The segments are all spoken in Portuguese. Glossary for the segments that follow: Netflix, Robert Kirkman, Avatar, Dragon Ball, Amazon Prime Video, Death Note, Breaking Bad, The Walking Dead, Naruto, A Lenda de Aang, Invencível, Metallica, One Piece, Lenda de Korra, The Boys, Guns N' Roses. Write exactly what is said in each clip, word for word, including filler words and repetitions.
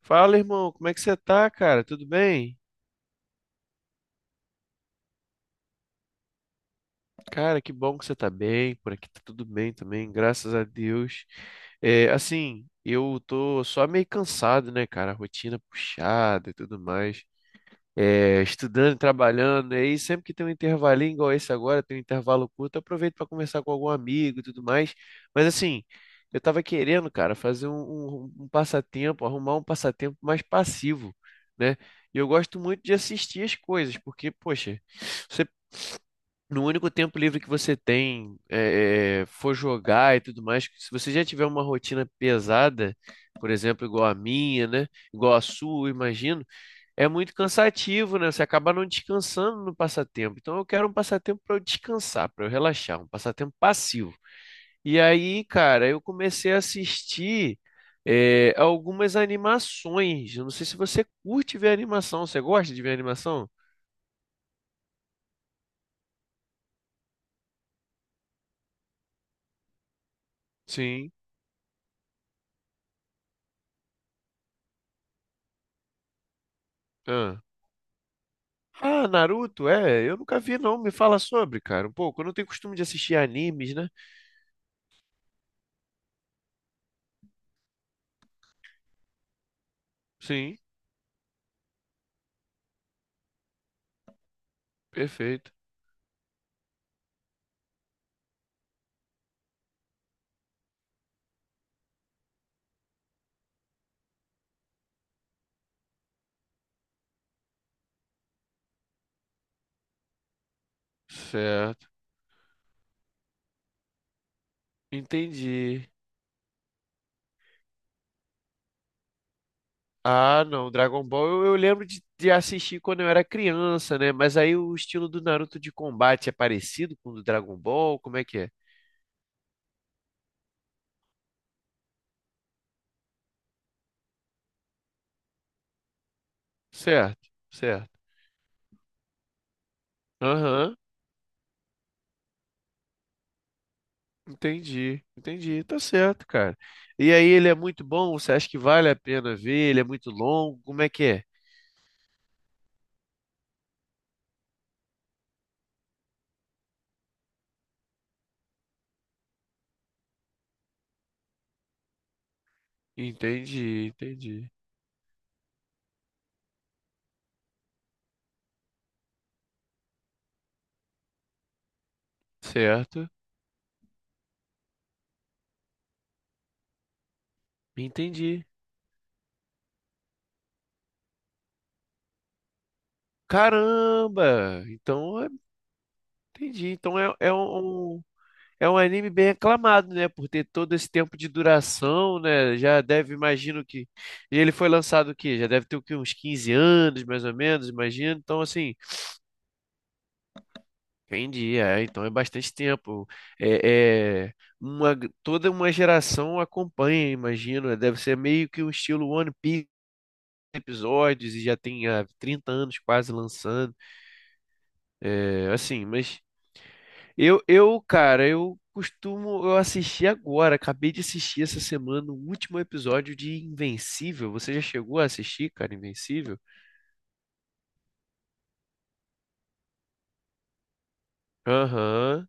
Fala, irmão, como é que você tá, cara? Tudo bem? Cara, que bom que você tá bem. Por aqui tá tudo bem também, graças a Deus. É, assim, eu tô só meio cansado, né, cara? Rotina puxada e tudo mais. É, estudando, trabalhando, e aí sempre que tem um intervalinho igual esse agora, tem um intervalo curto, eu aproveito para conversar com algum amigo e tudo mais. Mas assim, eu estava querendo, cara, fazer um, um- um passatempo, arrumar um passatempo mais passivo, né? E eu gosto muito de assistir as coisas, porque, poxa, você, no único tempo livre que você tem, é, é, for jogar e tudo mais, se você já tiver uma rotina pesada, por exemplo, igual a minha, né? Igual a sua, eu imagino é muito cansativo, né? Você acaba não descansando no passatempo. Então eu quero um passatempo para eu descansar, para eu relaxar, um passatempo passivo. E aí, cara, eu comecei a assistir eh, algumas animações. Eu não sei se você curte ver animação. Você gosta de ver animação? Sim. Ah. Ah, Naruto? É, eu nunca vi, não. Me fala sobre, cara, um pouco. Eu não tenho costume de assistir animes, né? Sim, perfeito. Certo. Entendi. Ah, não, Dragon Ball eu, eu lembro de, de assistir quando eu era criança, né? Mas aí o estilo do Naruto de combate é parecido com o do Dragon Ball? Como é que é? Certo, certo. Aham, entendi, entendi. Tá certo, cara. E aí ele é muito bom? Você acha que vale a pena ver? Ele é muito longo? Como é que é? Entendi, entendi. Certo, entendi. Caramba! Então, é- entendi. Então é, é um. Um É um anime bem aclamado, né? Por ter todo esse tempo de duração, né? Já deve, imagino que. E ele foi lançado o quê? Já deve ter o quê? Uns quinze anos, mais ou menos, imagino. Então, assim, entendi. É, então é bastante tempo. É, é uma, toda uma geração acompanha, imagino. Né, deve ser meio que um estilo One Piece episódios e já tem há trinta anos quase lançando. É, assim, mas. Eu, eu, cara, eu costumo, eu assisti agora, acabei de assistir essa semana o último episódio de Invencível. Você já chegou a assistir, cara, Invencível? Aham,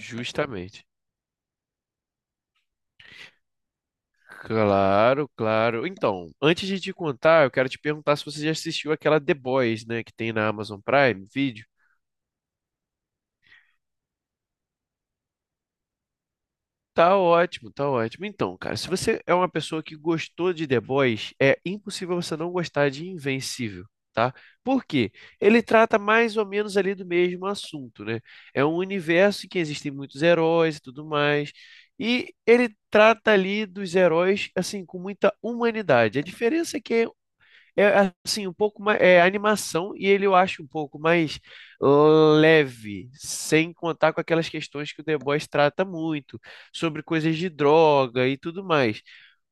justamente. Claro, claro. Então, antes de te contar, eu quero te perguntar se você já assistiu aquela The Boys, né, que tem na Amazon Prime Video. Tá ótimo, tá ótimo. Então, cara, se você é uma pessoa que gostou de The Boys, é impossível você não gostar de Invencível, tá? Por quê? Ele trata mais ou menos ali do mesmo assunto, né? É um universo em que existem muitos heróis e tudo mais, e ele trata ali dos heróis, assim, com muita humanidade. A diferença é que é é assim, um pouco mais. É animação e ele eu acho um pouco mais leve, sem contar com aquelas questões que o The Boys trata muito, sobre coisas de droga e tudo mais.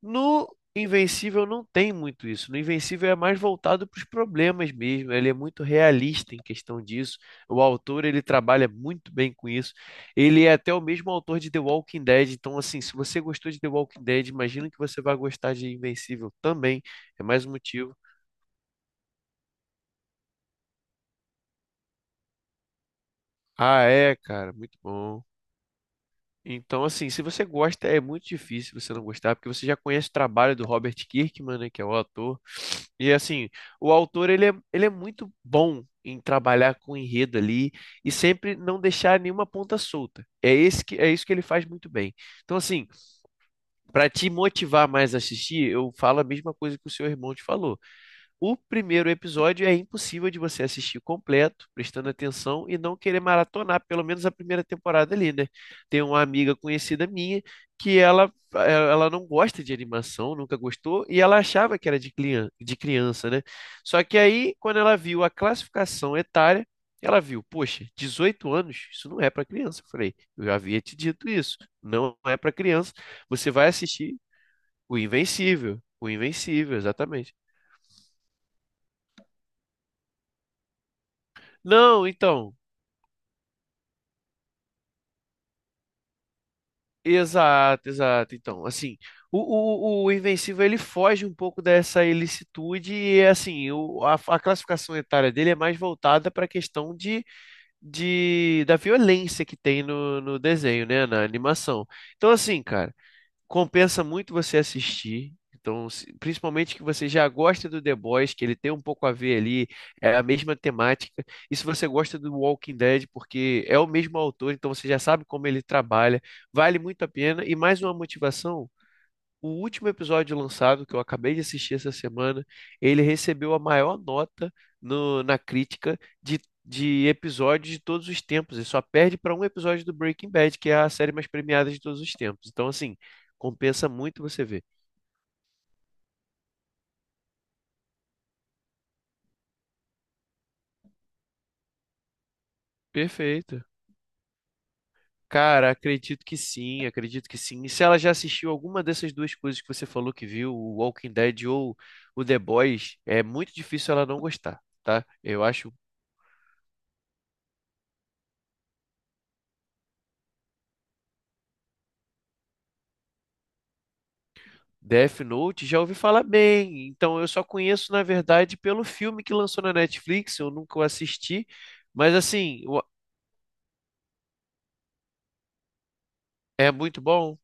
No Invencível não tem muito isso. No Invencível é mais voltado para os problemas mesmo. Ele é muito realista em questão disso. O autor ele trabalha muito bem com isso. Ele é até o mesmo autor de The Walking Dead. Então, assim, se você gostou de The Walking Dead, imagino que você vai gostar de Invencível também. É mais um motivo. Ah, é, cara, muito bom. Então, assim, se você gosta, é muito difícil você não gostar, porque você já conhece o trabalho do Robert Kirkman, né, que é o autor. E, assim, o autor, ele é, ele é muito bom em trabalhar com enredo ali e sempre não deixar nenhuma ponta solta. É esse que, é isso que ele faz muito bem. Então, assim, para te motivar mais a assistir, eu falo a mesma coisa que o seu irmão te falou. O primeiro episódio é impossível de você assistir completo, prestando atenção e não querer maratonar, pelo menos a primeira temporada ali, né? Tem uma amiga conhecida minha que ela, eh, ela não gosta de animação, nunca gostou, e ela achava que era de clian- de criança, né? Só que aí, quando ela viu a classificação etária, ela viu, poxa, dezoito anos, isso não é para criança. Eu falei, eu já havia te dito isso, não é para criança. Você vai assistir o Invencível, o Invencível, exatamente. Não, então, exato, exato. Então, assim, o, o, o Invencível ele foge um pouco dessa ilicitude e, assim, o, a, a classificação etária dele é mais voltada para a questão de, de, da violência que tem no, no desenho, né, na animação. Então, assim, cara, compensa muito você assistir. Então, se- principalmente que você já gosta do The Boys, que ele tem um pouco a ver ali, é a mesma temática. E se você gosta do Walking Dead, porque é o mesmo autor, então você já sabe como ele trabalha, vale muito a pena. E mais uma motivação o último episódio lançado, que eu acabei de assistir essa semana, ele recebeu a maior nota no- na crítica de, de episódios de todos os tempos. Ele só perde para um episódio do Breaking Bad, que é a série mais premiada de todos os tempos. Então, assim, compensa muito você ver. Perfeito. Cara, acredito que sim, acredito que sim. E se ela já assistiu alguma dessas duas coisas que você falou que viu, o Walking Dead ou o The Boys, é muito difícil ela não gostar, tá? Eu acho Death Note já ouvi falar bem, então eu só conheço, na verdade, pelo filme que lançou na Netflix, eu nunca o assisti, mas assim, o- é muito bom.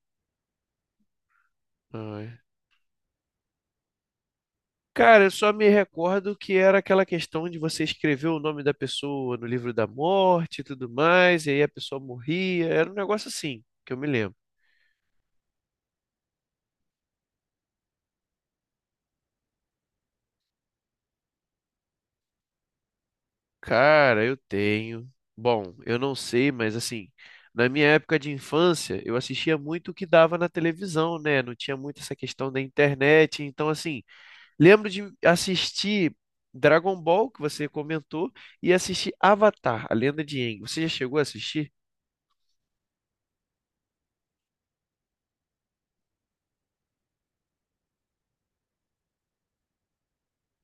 Ai. Cara, eu só me recordo que era aquela questão de você escrever o nome da pessoa no livro da morte e tudo mais, e aí a pessoa morria, era um negócio assim, que eu me lembro. Cara, eu tenho. Bom, eu não sei, mas assim, na minha época de infância, eu assistia muito o que dava na televisão, né? Não tinha muito essa questão da internet. Então, assim, lembro de assistir Dragon Ball, que você comentou, e assistir Avatar, A Lenda de Aang. Você já chegou a assistir?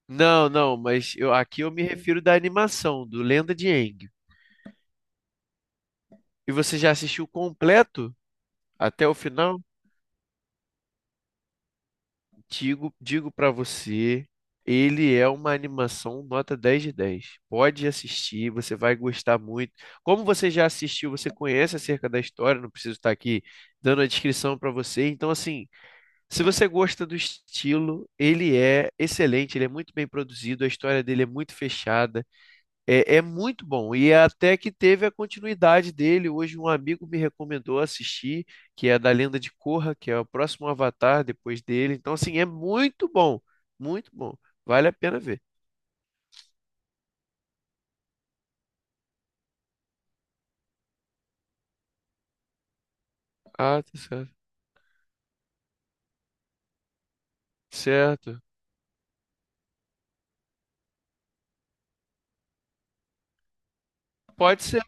Não, não, mas eu, aqui eu me refiro da animação, do Lenda de Aang. E você já assistiu completo até o final? Digo, digo para você, ele é uma animação nota dez de dez. Pode assistir, você vai gostar muito. Como você já assistiu, você conhece acerca da história, não preciso estar aqui dando a descrição para você. Então, assim, se você gosta do estilo, ele é excelente, ele é muito bem produzido, a história dele é muito fechada. É, é muito bom. E até que teve a continuidade dele. Hoje um amigo me recomendou assistir, que é da Lenda de Korra, que é o próximo Avatar depois dele. Então, assim, é muito bom. Muito bom. Vale a pena ver. Ah, tá certo. Certo. Pode ser.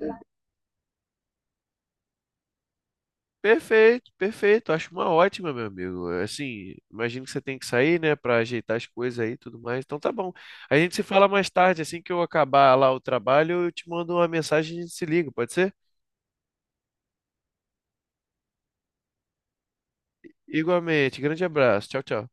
Perfeito, perfeito. Acho uma ótima, meu amigo. Assim, imagino que você tem que sair, né, pra ajeitar as coisas aí e tudo mais. Então tá bom. A gente se fala mais tarde, assim que eu acabar lá o trabalho, eu te mando uma mensagem e a gente se liga, pode ser? Igualmente. Grande abraço. Tchau, tchau.